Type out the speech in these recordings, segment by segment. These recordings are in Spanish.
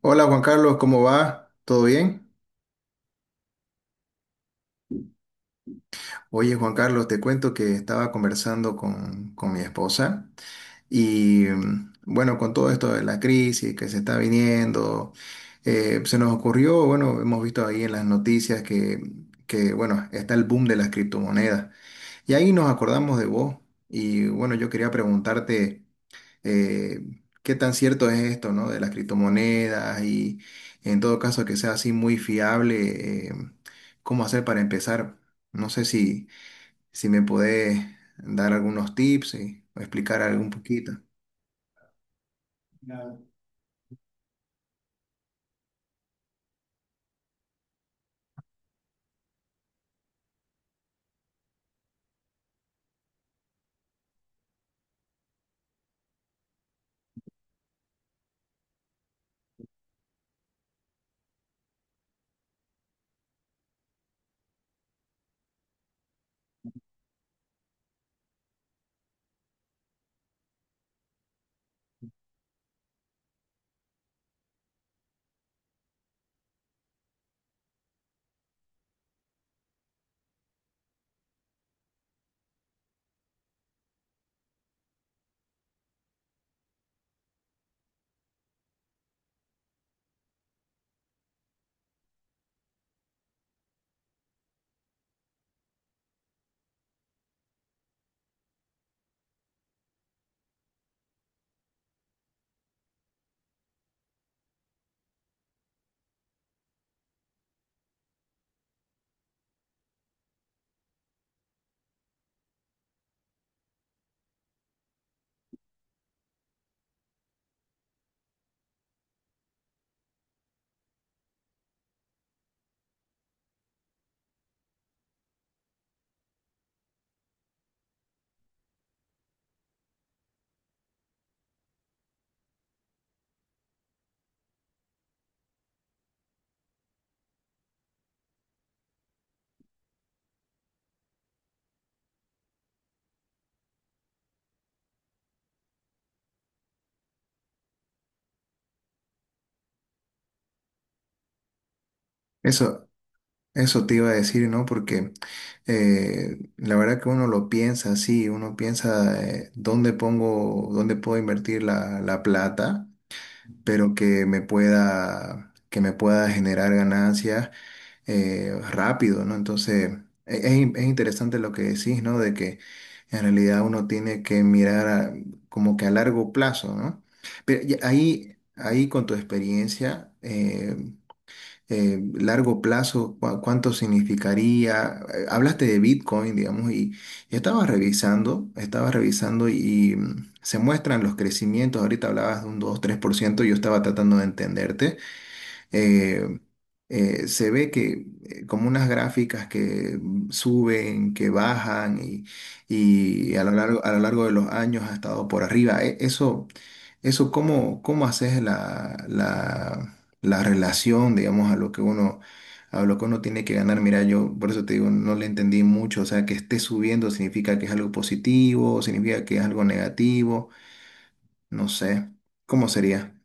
Hola Juan Carlos, ¿cómo va? ¿Todo bien? Oye Juan Carlos, te cuento que estaba conversando con mi esposa y bueno, con todo esto de la crisis que se está viniendo, se nos ocurrió, bueno, hemos visto ahí en las noticias que bueno, está el boom de las criptomonedas y ahí nos acordamos de vos y bueno, yo quería preguntarte... eh, qué tan cierto es esto, ¿no? De las criptomonedas y en todo caso que sea así muy fiable, ¿cómo hacer para empezar? No sé si me podés dar algunos tips y, o explicar algún poquito. Eso, eso te iba a decir, ¿no? Porque la verdad que uno lo piensa así, uno piensa dónde pongo, dónde puedo invertir la plata, pero que me pueda generar ganancias rápido, ¿no? Entonces, es interesante lo que decís, ¿no? De que en realidad uno tiene que mirar como que a largo plazo, ¿no? Pero y ahí con tu experiencia, largo plazo, ¿cuánto significaría? Hablaste de Bitcoin, digamos, y yo estaba revisando y se muestran los crecimientos, ahorita hablabas de un dos tres por ciento, yo estaba tratando de entenderte, eh, se ve que como unas gráficas que suben, que bajan y a lo largo de los años ha estado por arriba. Eso, eso ¿cómo haces la relación, digamos, a lo que uno tiene que ganar? Mira, yo por eso te digo, no le entendí mucho, o sea, que esté subiendo significa que es algo positivo, significa que es algo negativo, no sé, ¿cómo sería?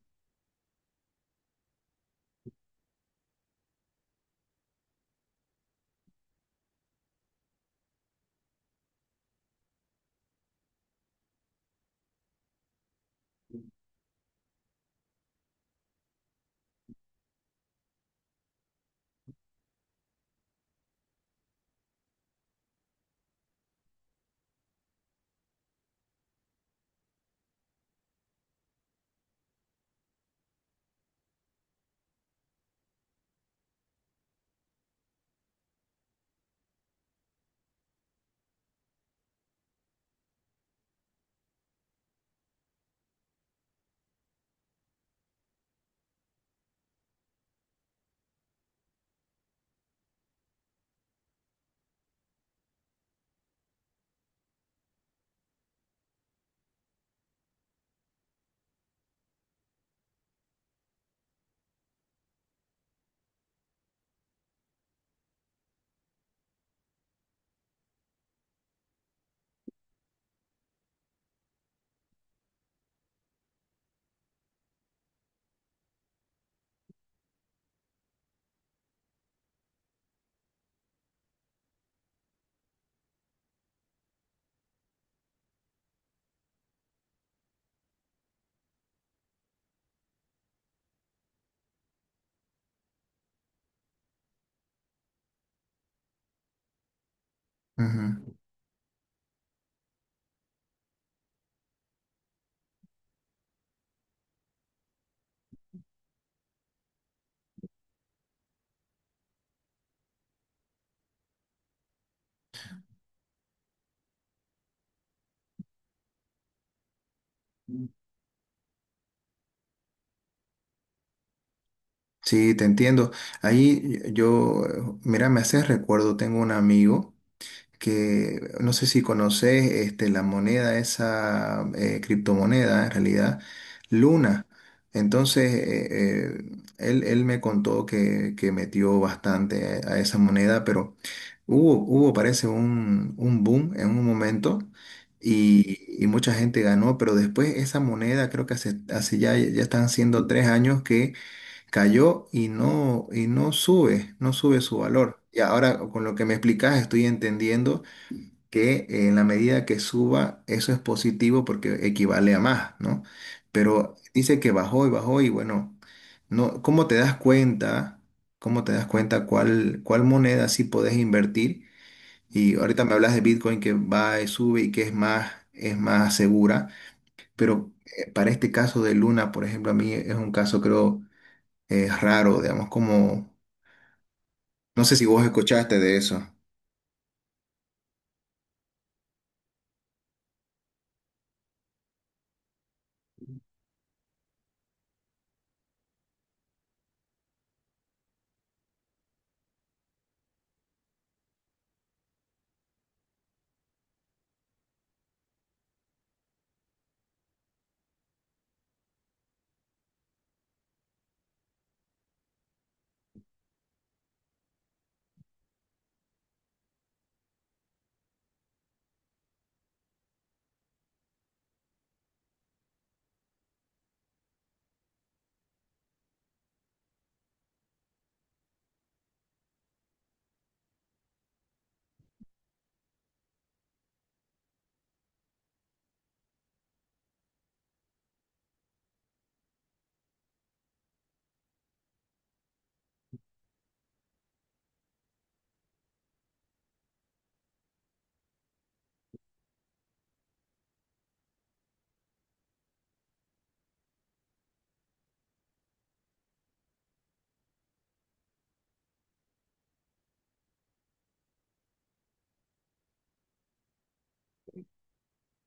Sí, te entiendo. Ahí yo, mira, me haces recuerdo, tengo un amigo que no sé si conoces este, la moneda, esa criptomoneda en realidad, Luna. Entonces, eh, él me contó que metió bastante a esa moneda, pero hubo parece un boom en un momento. Y mucha gente ganó, pero después esa moneda creo que hace ya están siendo 3 años que cayó y no sube su valor. Y ahora con lo que me explicas estoy entendiendo que en la medida que suba eso es positivo porque equivale a más, ¿no? Pero dice que bajó y bajó y bueno, no, ¿cómo te das cuenta? ¿Cómo te das cuenta cuál moneda sí podés invertir? Y ahorita me hablas de Bitcoin que va y sube y que es más, segura, pero para este caso de Luna, por ejemplo, a mí es un caso creo es raro, digamos, como. No sé si vos escuchaste de eso.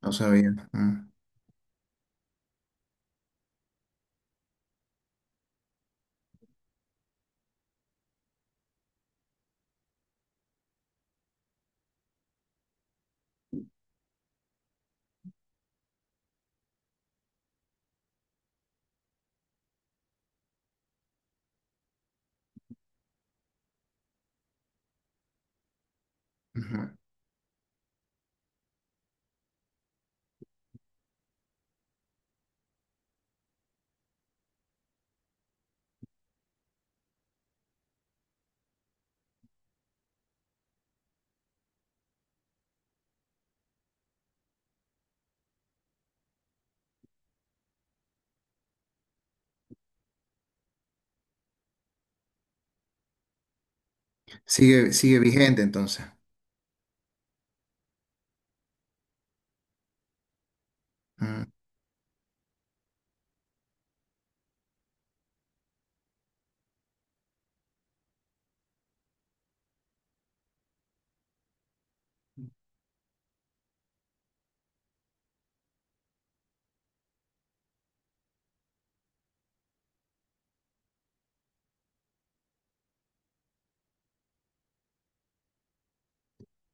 No sabía. Mm, ujú. Sigue vigente entonces. Mm.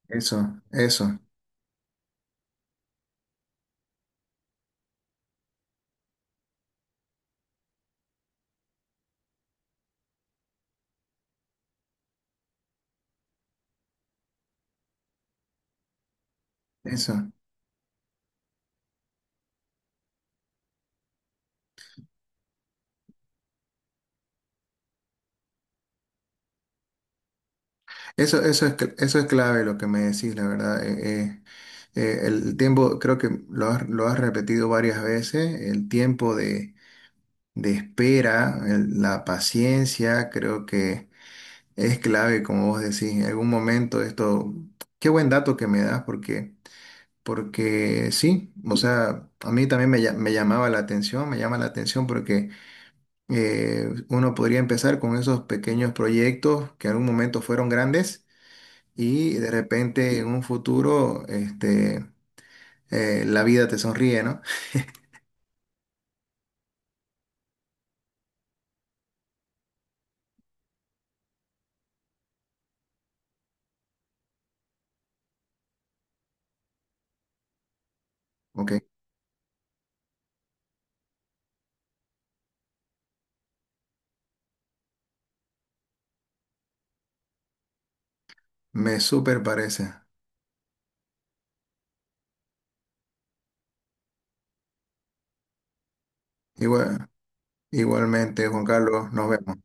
Eso, eso, eso. Eso es clave lo que me decís, la verdad. El tiempo, creo que lo has repetido varias veces, el tiempo de espera, la paciencia, creo que es clave, como vos decís. En algún momento esto, qué buen dato que me das. Porque sí, o sea, a mí también me llamaba la atención, me llama la atención porque uno podría empezar con esos pequeños proyectos que en algún momento fueron grandes y de repente en un futuro este, la vida te sonríe, ¿no? Ok, me súper parece. Igual, igualmente, Juan Carlos, nos vemos.